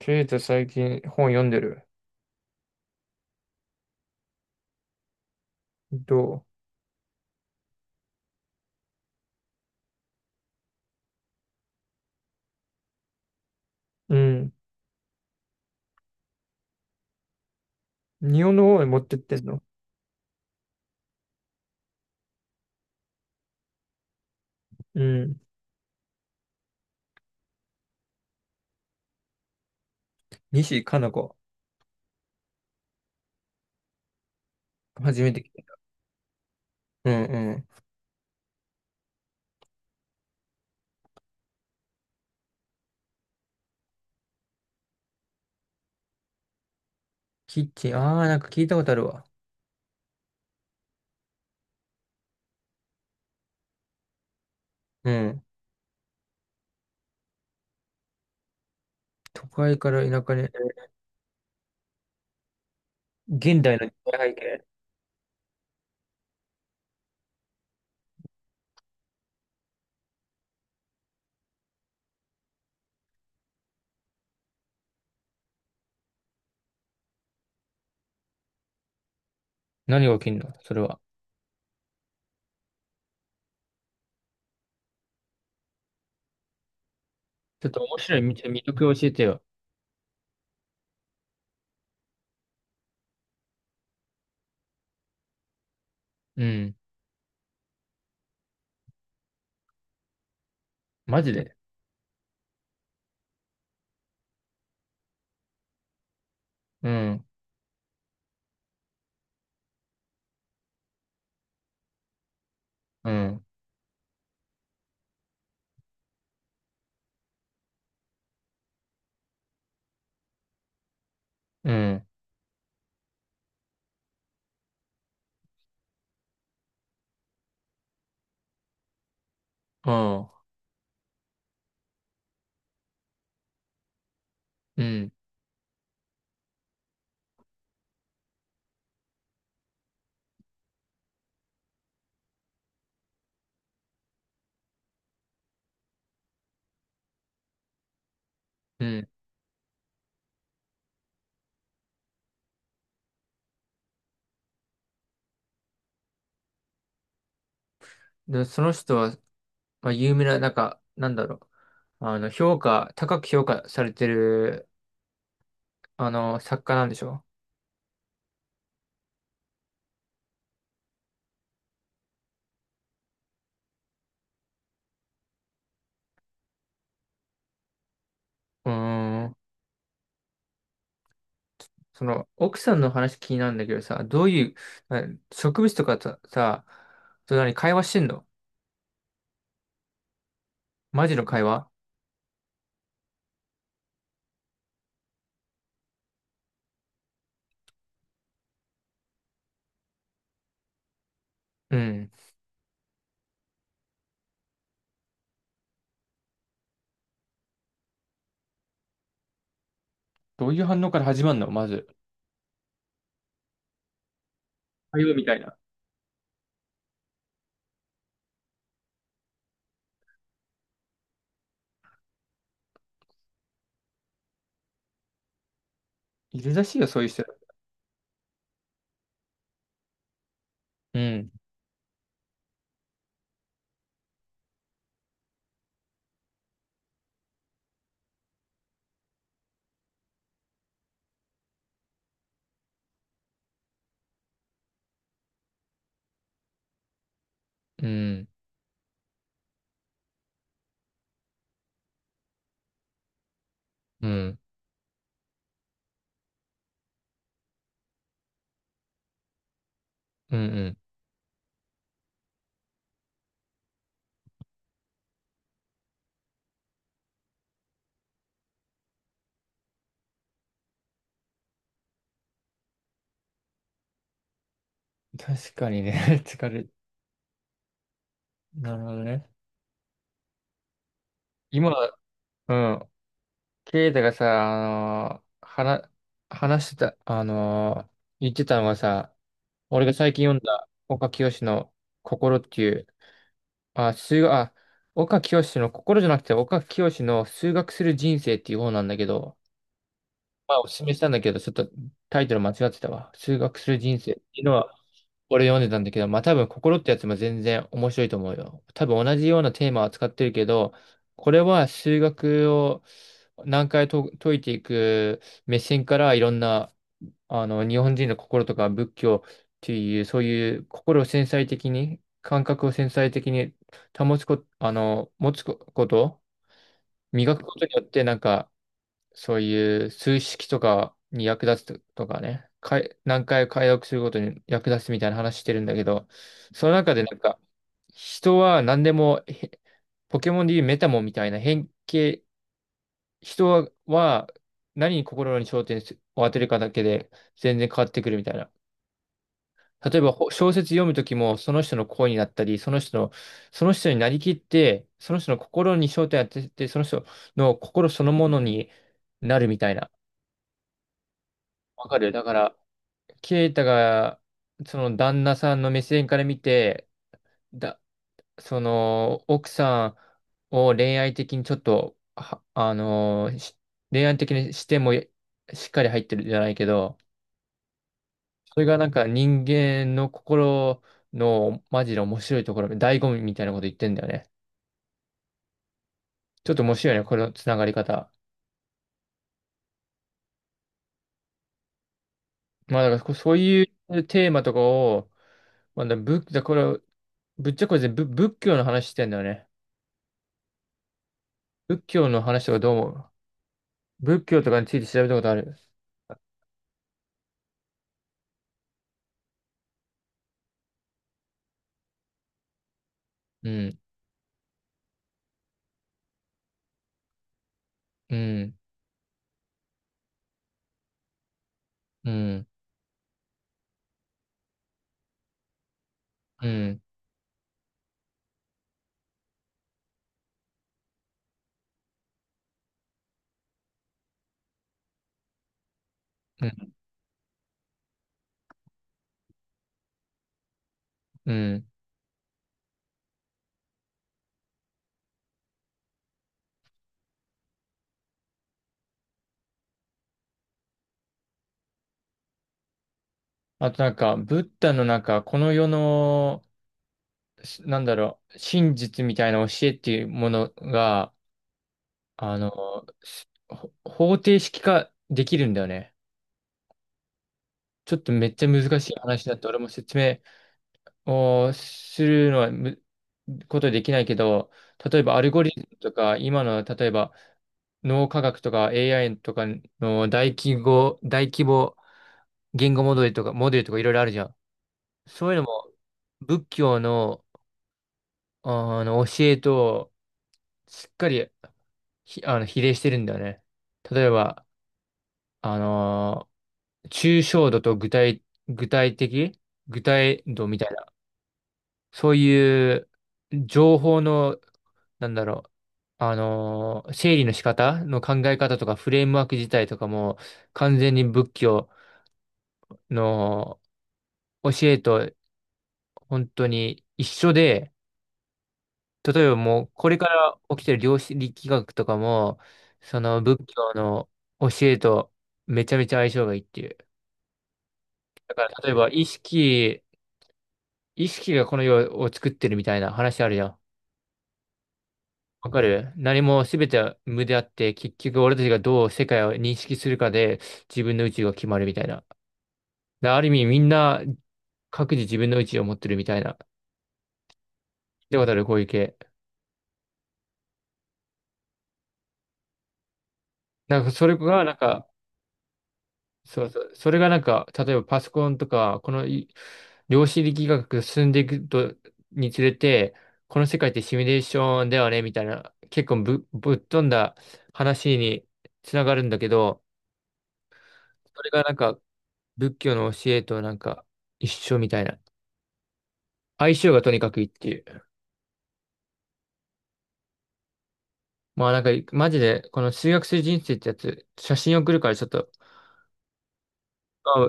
ケイタ最近本読んでるどうん。日本の方へ持ってってんの？うん。西加奈子。初めて聞いた。うんうん。キッチン。ああ、なんか聞いたことあるわ。うん。都会から田舎に。現代の時代背景。何が起きんのそれは？ちょっと面白い見て、魅力を教えてよ。うん。マジで？うん。うん。うん。ああ。うん。うん。で、その人は、まあ、有名な、あの、高く評価されてるあの、作家なんでしょ？うーん。その、奥さんの話気になるんだけどさ、どういう、あ植物とかとさ、と何、会話してんの？マジの会話？うん。どういう反応から始まるのまず？会話みたいな。いるらしいよ、そういう人。うん、うん、うん、うん、うん。確かにね、疲れる、なるほどね。今、うん、ケイタがさ、あのー、話、話してた、言ってたのがさ、俺が最近読んだ岡清の心っていう、あ、数学、あ、岡清の心じゃなくて岡清の数学する人生っていう方なんだけど、まあおすすめしたんだけど、ちょっとタイトル間違ってたわ。数学する人生っていうのは、俺読んでたんだけど、まあ多分心ってやつも全然面白いと思うよ。多分同じようなテーマを扱ってるけど、これは数学を何回と解いていく目線からいろんなあの日本人の心とか仏教っていうそういう心を繊細的に感覚を繊細的に保つこ、あの持つこと、磨くことによってなんかそういう数式とかに役立つとかね、何回解読することに役立つみたいな話してるんだけど、その中でなんか、人は何でも、へポケモンでいうメタモンみたいな変形、人は何に心に焦点を当てるかだけで全然変わってくるみたいな。例えば小説読むときもその人の声になったり、その人の、その人になりきって、その人の心に焦点を当てて、その人の心そのものになるみたいな。わかる？だから、ケイタが、その旦那さんの目線から見て、だ、その、奥さんを恋愛的にちょっと、はあのーし恋愛的にしてもしっかり入ってるじゃないけど、それがなんか人間の心のマジで面白いところ、醍醐味みたいなこと言ってんだよね。ちょっと面白いよね、これのつながり方。まあだからこそういうテーマとかを、まあ、だ、仏、だ、これ、ぶっちゃけこれ全部仏教の話してんだよね。仏教の話とかどう思う？仏教とかについて調べたことある？うん、うん、うん、うん、うん、うん。あとなんか、ブッダのなんか、この世の、なんだろう、真実みたいな教えっていうものが、あの、方程式化できるんだよね。ちょっとめっちゃ難しい話だって俺も説明をするのはことできないけど、例えばアルゴリズムとか、今の例えば脳科学とか AI とかの大規模言語モデルとか、モデルとかいろいろあるじゃん。そういうのも仏教の、あの教えとしっかりひあの比例してるんだよね。例えば、あのー抽象度と具体的具体度みたいな。そういう情報の、なんだろう。あのー整理の仕方の考え方とかフレームワーク自体とかも完全に仏教の教えと本当に一緒で、例えばもう、これから起きてる量子力学とかも、その仏教の教えとめちゃめちゃ相性がいいっていう。だから例えば意識がこの世を作ってるみたいな話あるじゃん。わかる？何も全ては無であって、結局俺たちがどう世界を認識するかで自分の宇宙が決まるみたいな。である意味みんな各自自分の宇宙を持ってるみたいな。で、わかるこういう系？なんかそれがなんか、そうそう。それがなんか、例えばパソコンとか、このい量子力学が進んでいくと、につれて、この世界ってシミュレーションだよね、みたいな、結構ぶっ飛んだ話につながるんだけど、それがなんか、仏教の教えとなんか、一緒みたいな。相性がとにかくいいっていう。まあなんか、マジで、この数学する人生ってやつ、写真送るからちょっと、まあ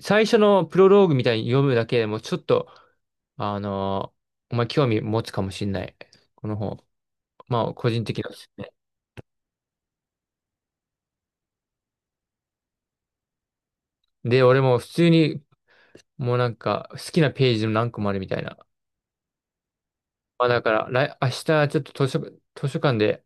最初のプロローグみたいに読むだけでも、ちょっと、あの、お前興味持つかもしんない。この本。まあ、個人的なですね。で、俺も普通に、もうなんか、好きなページの何個もあるみたいな。まあ、だから、明日、ちょっと図書館で、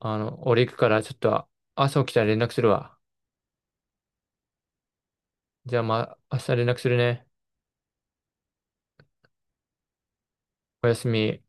あの、俺行くから、ちょっと、朝起きたら連絡するわ。じゃあ、まあ、明日連絡するね。おやすみ。